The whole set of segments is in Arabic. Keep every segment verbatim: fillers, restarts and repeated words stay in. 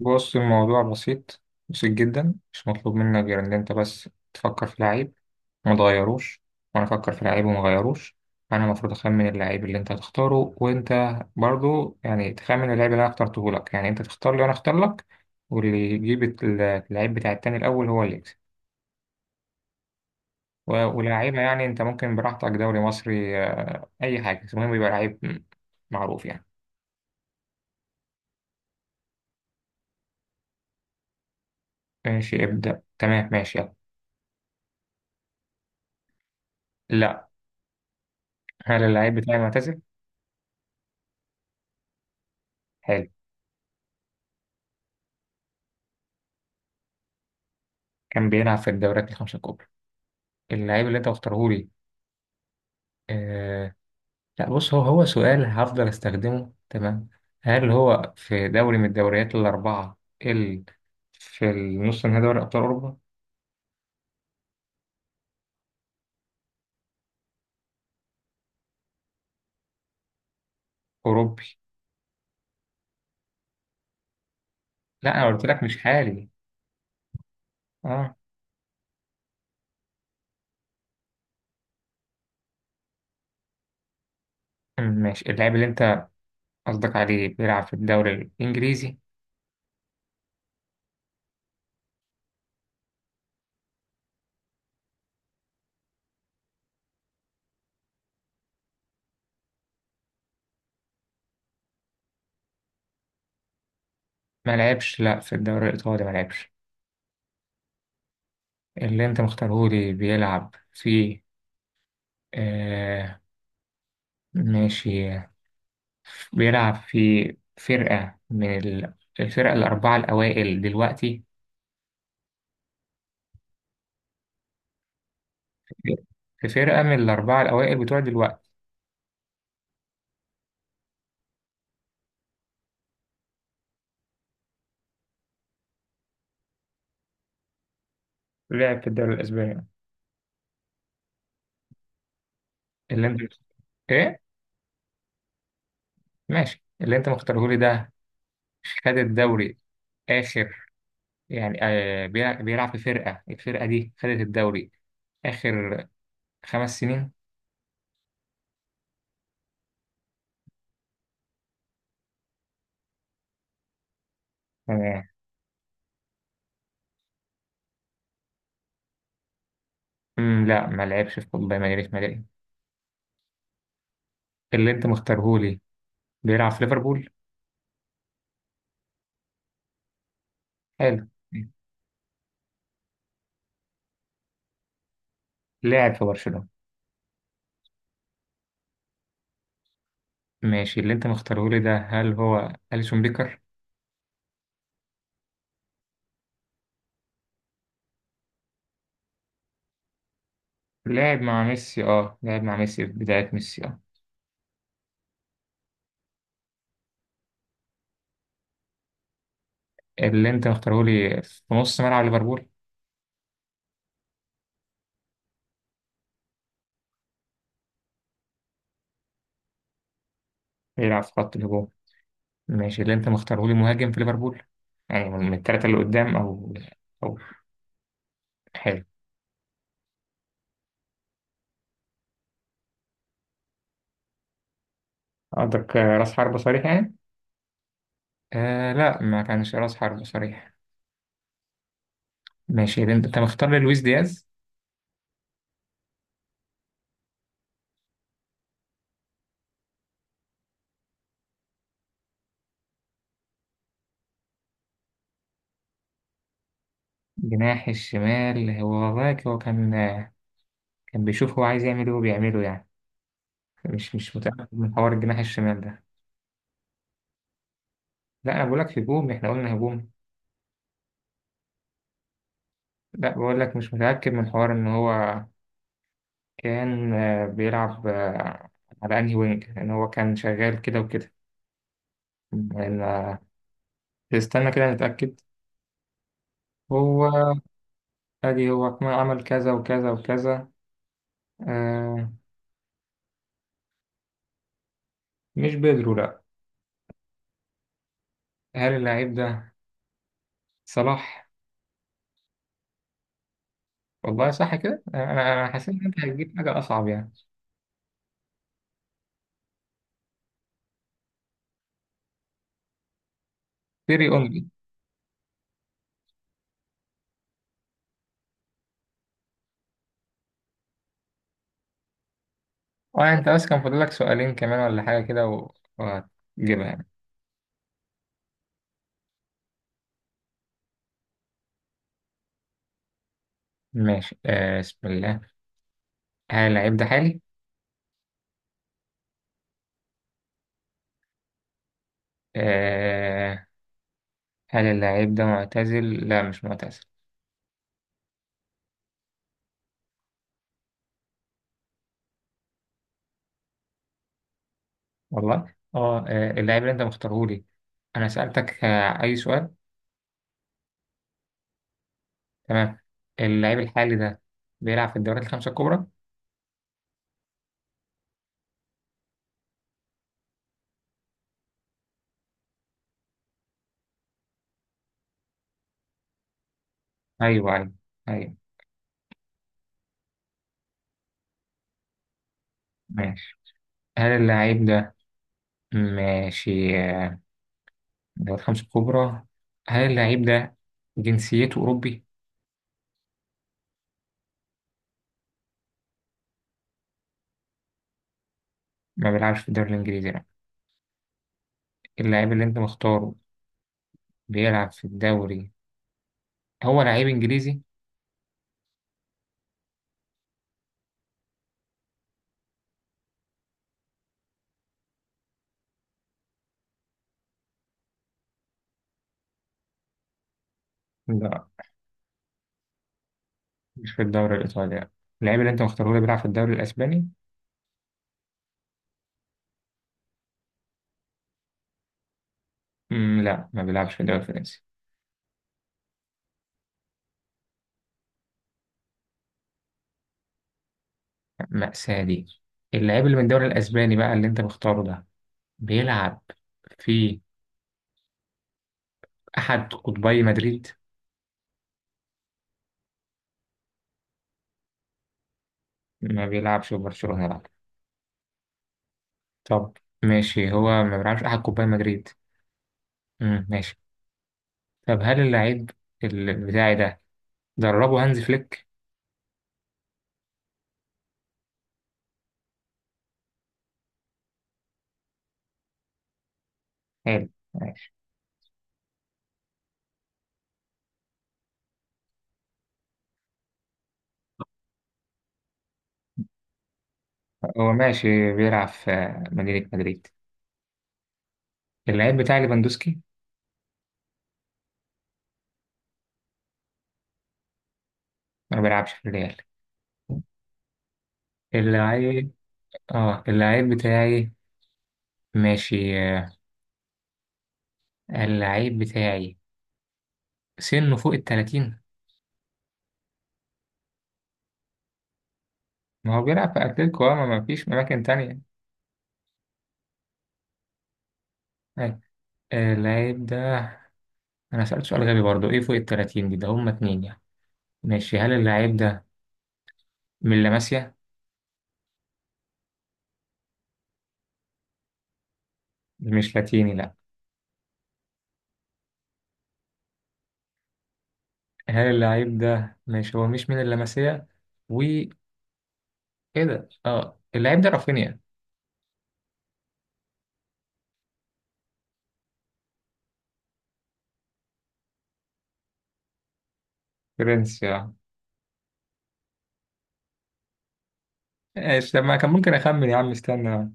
بص الموضوع بسيط. بسيط جدا. مش مطلوب منك غير ان انت بس تفكر في لعيب وما تغيروش، وانا افكر في لعيب وما اغيروش. انا المفروض اخمن اللعيب اللي انت هتختاره، وانت برضو يعني تخمن اللعيب اللي انا اخترته لك. يعني انت تختار لي وانا اختار لك. واللي يجيب ال- اللعيب بتاع التاني الاول هو اللي يكسب. و- ولاعيبه يعني انت ممكن براحتك دوري مصري، آه، اي حاجه، بس المهم يبقى لعيب معروف يعني. ماشي، ابدأ، تمام، ماشي، يلا. لا. هل اللعيب بتاعي معتزل؟ حلو. كان بيلعب في الدوريات الخمسة الكبرى اللعيب اللي انت مختاره لي. آه. لا، بص، هو هو سؤال هفضل استخدمه، تمام. هل هو في دوري من الدوريات الأربعة اللي في النص نهائي دوري أبطال أوروبا؟ أوروبي. لا أنا قلت لك مش حالي. اه. ماشي، اللاعب اللي انت قصدك عليه بيلعب في الدوري الإنجليزي. ما لعبش لا في الدوري الإيطالي، ما لعبش. اللي انت مختاره لي بيلعب في، آه ماشي، بيلعب في فرقة من ال- الفرقة الأربعة الأوائل دلوقتي. في فرقة من الأربعة الأوائل بتوع دلوقتي. لعب في الدوري الأسباني. اللي أنت. إيه؟ ماشي، اللي أنت مختاره لي ده خد الدوري آخر، يعني آه بيلع- بيلعب في فرقة الفرقة دي خدت الدوري آخر خمس سنين. تمام. أمم، لا، ما لعبش في كوبا مدريد، ما لعب. اللي أنت مختاره لي بيلعب في ليفربول. حلو. لعب في برشلونة. ماشي، اللي انت مختاره لي ده، هل هو أليسون بيكر؟ لعب مع ميسي، اه، لعب مع ميسي في بداية ميسي، اه. اللي انت مختاره لي في نص ملعب ليفربول. بيلعب في خط الهجوم. ماشي، اللي انت مختاره لي مهاجم في ليفربول. يعني من الثلاثة اللي قدام، او، او. حلو. قصدك آه، راس حربة صريح يعني؟ آه لا، ما كانش راس حربة صريح. ماشي، اللي انت أنت مختار لي لويس دياز. جناح الشمال؟ هو والله هو كان، آه، كان بيشوف هو عايز يعمل ايه وبيعمله يعني. مش مش متأكد من حوار الجناح الشمال ده. لا انا بقول لك هجوم، احنا قلنا هجوم. لا بقول لك مش متأكد من حوار ان هو كان، آه، بيلعب آه، على انهي وينج، ان هو كان شغال كده وكده يعني، آه، استنى كده نتأكد. هو. ادي هو كمان عمل كذا وكذا وكذا. آه. مش بيدرو، لا. هل اللاعب ده صلاح؟ والله صح كده، انا انا حسيت ان انت هتجيب حاجة اصعب يعني. بيري اونلي. اه، انت بس كان فاضلك سؤالين كمان ولا حاجة كده، و- وهتجيبها يعني. ماشي، آه، بسم الله. هل اللاعب ده حالي؟ آه. هل اللاعب ده معتزل؟ لا مش معتزل. والله اه، آه، اللاعب اللي انت مختارهولي، انا سألتك آه، اي سؤال. تمام. اللاعب الحالي ده بيلعب في الدوريات الخمسة الكبرى؟ ايوه، ايوه، ايوه. ماشي، هل اللاعب ده، ماشي، آه، الدوريات الخمسة الكبرى. هل اللاعب ده جنسيته أوروبي؟ ما بيلعبش في الدوري الإنجليزي، لا. اللاعب اللي انت مختاره بيلعب في الدوري، هو لعيب إنجليزي؟ لا، مش في الدوري الإيطالي، لا. اللاعب اللي أنت مختاره لي بيلعب في الدوري الأسباني؟ مم، لا، ما بيلعبش في الدوري الفرنسي. مأساة دي. اللاعب اللي من الدوري الأسباني بقى، اللي أنت مختاره ده، بيلعب في أحد قطبي مدريد؟ ما بيلعبش في برشلونة، لا. طب ماشي، هو ما بيلعبش أحد قطبي مدريد، مم، ماشي. طب هل اللاعب ال- بتاعي ده دربه هانز فليك؟ حلو، ماشي. هو ماشي بيلعب في مدينة مدريد. اللاعب بتاعي ليفاندوسكي. ما بيلعبش في الريال. اللعيب. اه اللعيب بتاعي، ماشي، آه، اللعيب بتاعي سنه فوق التلاتين. ما هو بيلعب في أتلتيكو، آه، ما ما فيش أماكن تانية. أيوة. آه، اللعيب ده، أنا سألت سؤال غبي برضو، إيه فوق التلاتين دي؟ ده هما اتنين يعني. ماشي، هل اللعيب ده من لاماسيا؟ مش لاتيني، لأ. هل اللعيب ده، ماشي، هو مش من اللاماسيا و، إيه ده؟ اه اللعيب ده رافينيا. فرنسي، اه. ايش لما كان ممكن أخمن يا عم، استنى.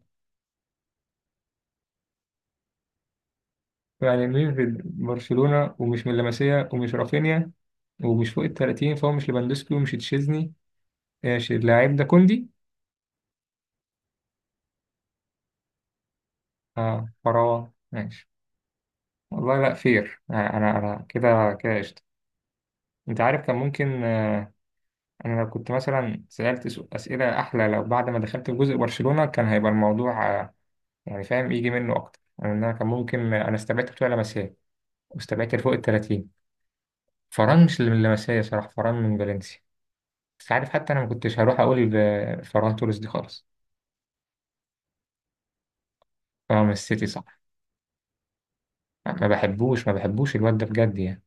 يعني مين في برشلونة ومش من لاماسيا ومش رافينيا ومش فوق ال التلاتين، فهو مش ليفاندوسكي ومش تشيزني. ماشي، اللاعب ده كوندي. اه، فراوة، ماشي. والله، لا، فير، آه، انا انا كده كده قشطة. انت عارف كان ممكن، آه، انا لو كنت مثلا سألت سو- اسئلة احلى لو بعد ما دخلت في جزء برشلونة كان هيبقى الموضوع، آه، يعني فاهم يجي منه اكتر يعني. إن انا كان ممكن، آه، انا استبعدت بتوع لمسيه، واستبعدت اللي فوق ال الثلاثين. فران مش اللي من لمسيه، صراحة فران من فالنسيا. بس عارف، حتى انا ما كنتش هروح اقول آه، فران توريس دي خالص. فران من السيتي، صح. ما بحبوش، ما بحبوش الواد ده بجد يعني.